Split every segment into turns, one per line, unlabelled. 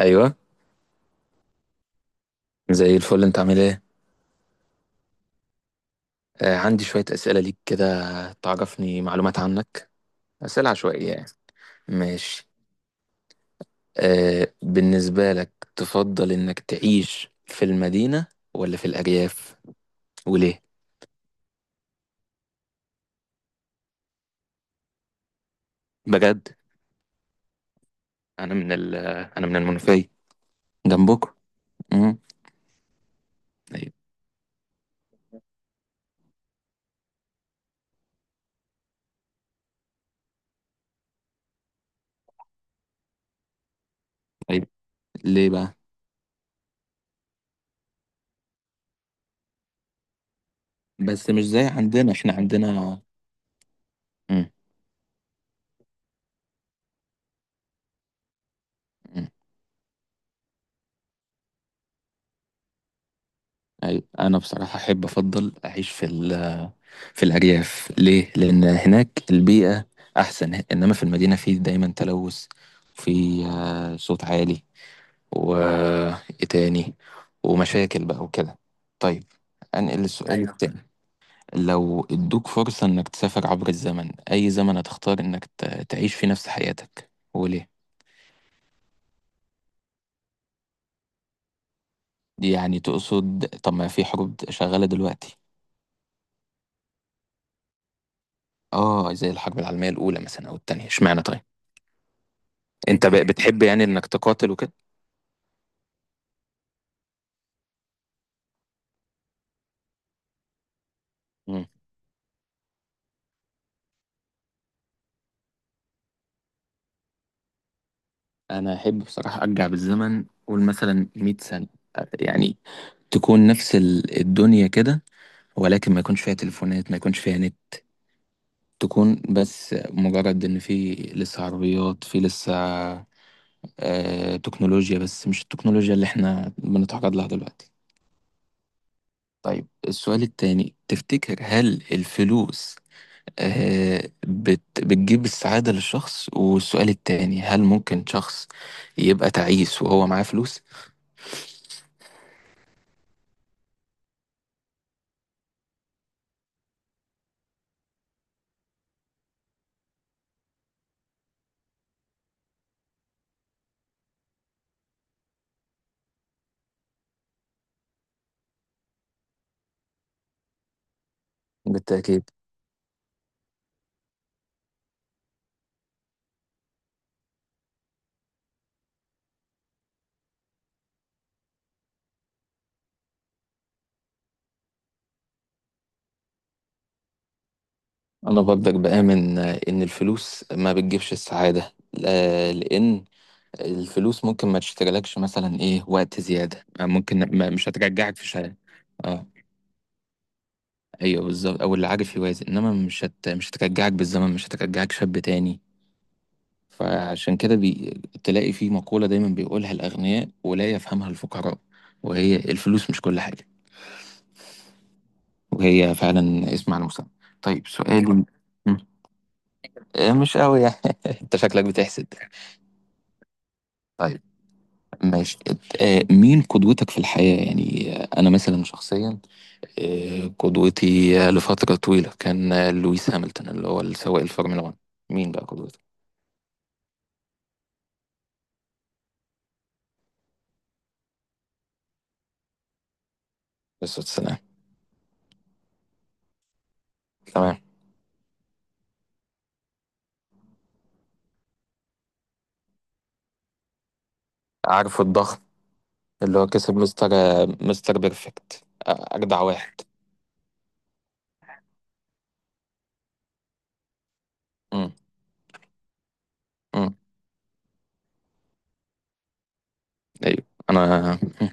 ايوه. زي الفل، انت عامل ايه؟ آه عندي شويه اسئله ليك كده، تعرفني معلومات عنك، اسئله عشوائيه يعني. ماشي. آه بالنسبه لك، تفضل انك تعيش في المدينه ولا في الارياف، وليه؟ بجد. انا من انا من المنوفيه، جنبكم. امم ايوه. ايوه، ليه بقى؟ بس مش زي عندنا، احنا عندنا. امم ايوه. انا بصراحه احب افضل اعيش في في الأرياف. ليه؟ لأن هناك البيئة أحسن، إنما في المدينة في دايما تلوث، وفي صوت عالي، وإيه تاني؟ ومشاكل بقى وكده. طيب، أنقل السؤال ايوه التاني. لو ادوك فرصة إنك تسافر عبر الزمن، أي زمن هتختار إنك تعيش فيه نفس حياتك، وليه؟ يعني تقصد؟ طب ما في حروب شغالة دلوقتي. آه زي الحرب العالمية الأولى مثلا أو التانية، اشمعنى طيب؟ أنت بتحب يعني إنك تقاتل وكده؟ انا احب بصراحه ارجع بالزمن، قول مثلا 100 سنه يعني، تكون نفس الدنيا كده، ولكن ما يكونش فيها تليفونات، ما يكونش فيها نت، تكون بس مجرد ان في لسه عربيات، في لسه آه تكنولوجيا، بس مش التكنولوجيا اللي احنا بنتعرض لها دلوقتي. طيب، السؤال التاني، تفتكر هل الفلوس آه بتجيب السعادة للشخص؟ والسؤال التاني، هل ممكن شخص يبقى تعيس وهو معاه فلوس؟ بالتأكيد. أنا برضك بآمن إن الفلوس ما بتجيبش السعادة، لأن الفلوس ممكن ما تشتريلكش مثلا إيه، وقت زيادة، ممكن ما مش هترجعك في شيء. أه. أيوه بالظبط، أو اللي عارف يوازن، إنما مش هترجعك بالزمن، مش هترجعك شاب تاني. فعشان كده تلاقي في مقولة دايما بيقولها الأغنياء ولا يفهمها الفقراء، وهي الفلوس مش كل حاجة. وهي فعلا اسم على المسمى. طيب سؤالي. م. مش قوي يعني. انت شكلك بتحسد. طيب ماشي. مين قدوتك في الحياة؟ يعني أنا مثلا شخصيا، قدوتي لفترة طويلة كان لويس هامilton، اللي هو السواق الفورمولا 1. مين بقى قدوتك؟ بس السلام. تمام. عارف الضغط، اللي هو كسب مستر مستر بيرفكت، أجدع واحد. مم. مم. أيوه. أنا مم.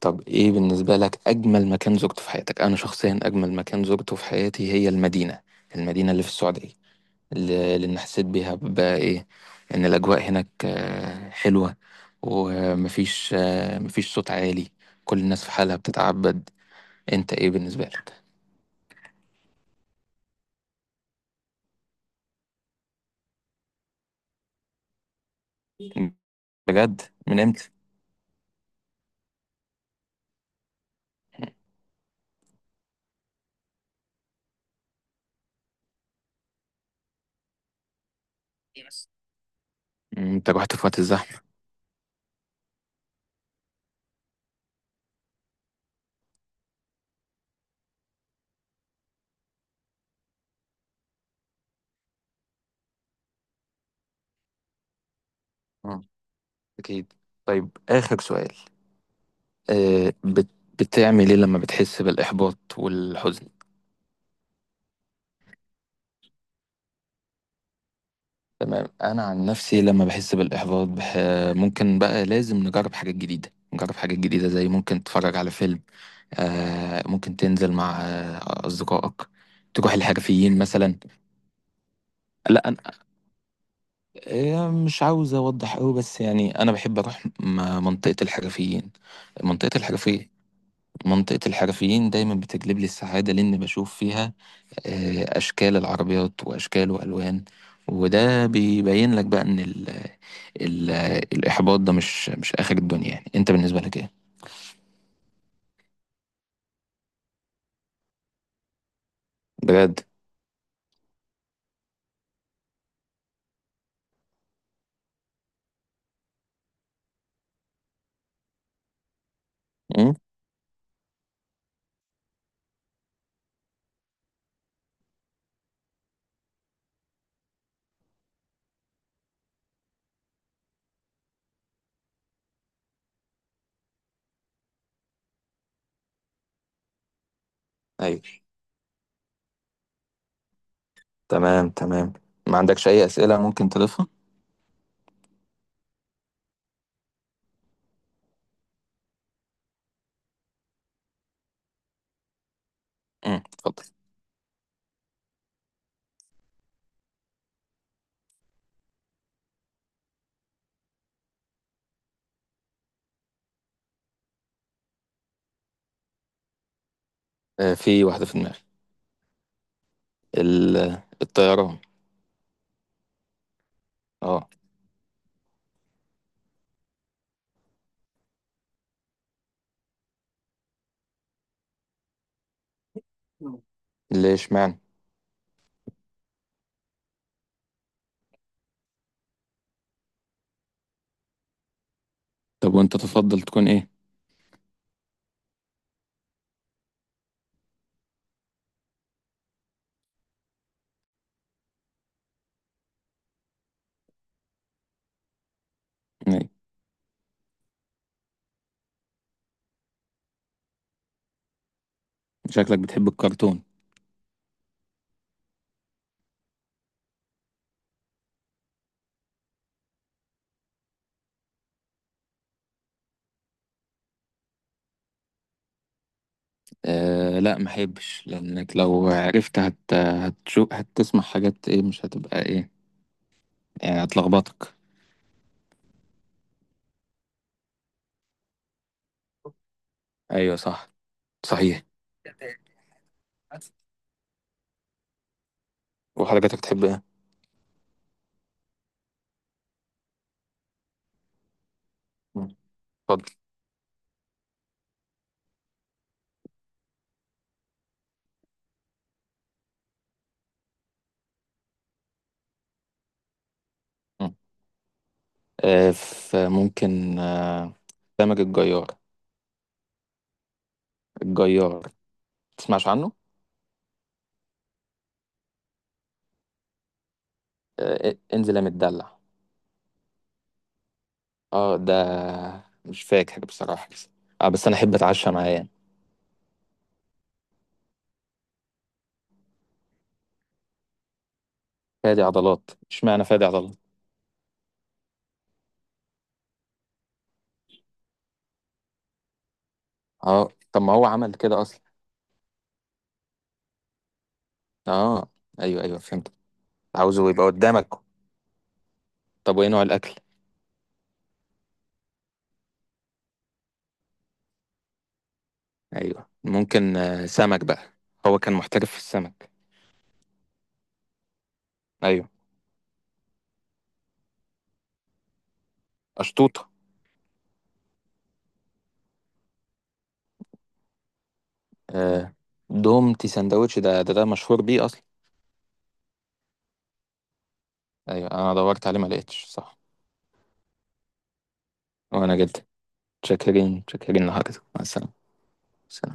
طب إيه بالنسبة لك أجمل مكان زرته في حياتك؟ أنا شخصيا أجمل مكان زرته في حياتي هي المدينة، المدينة اللي في السعودية. لأن حسيت بيها بقى إيه، إن الأجواء هناك حلوة، ومفيش مفيش صوت عالي، كل الناس في حالها بتتعبد. أنت إيه بالنسبة لك؟ بجد؟ من إمتى؟ مم، أنت رحت في وقت الزحمة. آه، أكيد. طيب، آخر سؤال. آه، بت- بتعمل إيه لما بتحس بالإحباط والحزن؟ تمام. أنا عن نفسي لما بحس بالإحباط ممكن بقى، لازم نجرب حاجات جديدة، نجرب حاجات جديدة، زي ممكن تتفرج على فيلم، ممكن تنزل مع أصدقائك، تروح الحرفيين مثلا. لا أنا مش عاوز أوضح أوي، بس يعني أنا بحب أروح منطقة الحرفيين. منطقة الحرفية، منطقة الحرفيين دايما بتجلب لي السعادة، لأن بشوف فيها أشكال العربيات وأشكال وألوان، وده بيبين لك بقى إن ال الإحباط ده مش آخر الدنيا يعني. أنت بالنسبة لك إيه؟ بجد؟ مم؟ أيوه. تمام تمام. ما عندكش أي أسئلة ممكن تضيفها؟ امم، اتفضل. في واحدة في دماغي. ال... الطيران. اه. ليه اشمعنى؟ طب وانت تفضل تكون ايه يعني؟ شكلك بتحب الكرتون. آه لا، ما احبش، لانك لو عرفت هتشوف، هتسمع حاجات ايه، مش هتبقى ايه، يعني هتلخبطك. ايوه صح. صحيح. وحضرتك تحب ايه؟ مم. اتفضل. مم. آه، فممكن آه سامج الجيار. الجيار. تسمعش عنه. آه انزل يا متدلع. اه ده، مش فاكر بصراحة. بس اه بس انا احب اتعشى معاه يعني. فادي عضلات. اشمعنى فادي عضلات؟ اه. طب ما هو عمل كده اصلا. اه. ايوه ايوه فهمت. عاوزه يبقى قدامك. طب وايه نوع الاكل؟ ايوه، ممكن سمك بقى. هو كان محترف في السمك. ايوه. اشطوطه. آه. دومتي سندوتش، ده ده مشهور بيه اصلا. ايوه انا دورت عليه ما لقيتش. صح. وانا جدا شاكرين، شاكرين لحضرتك. مع السلامه. سلام.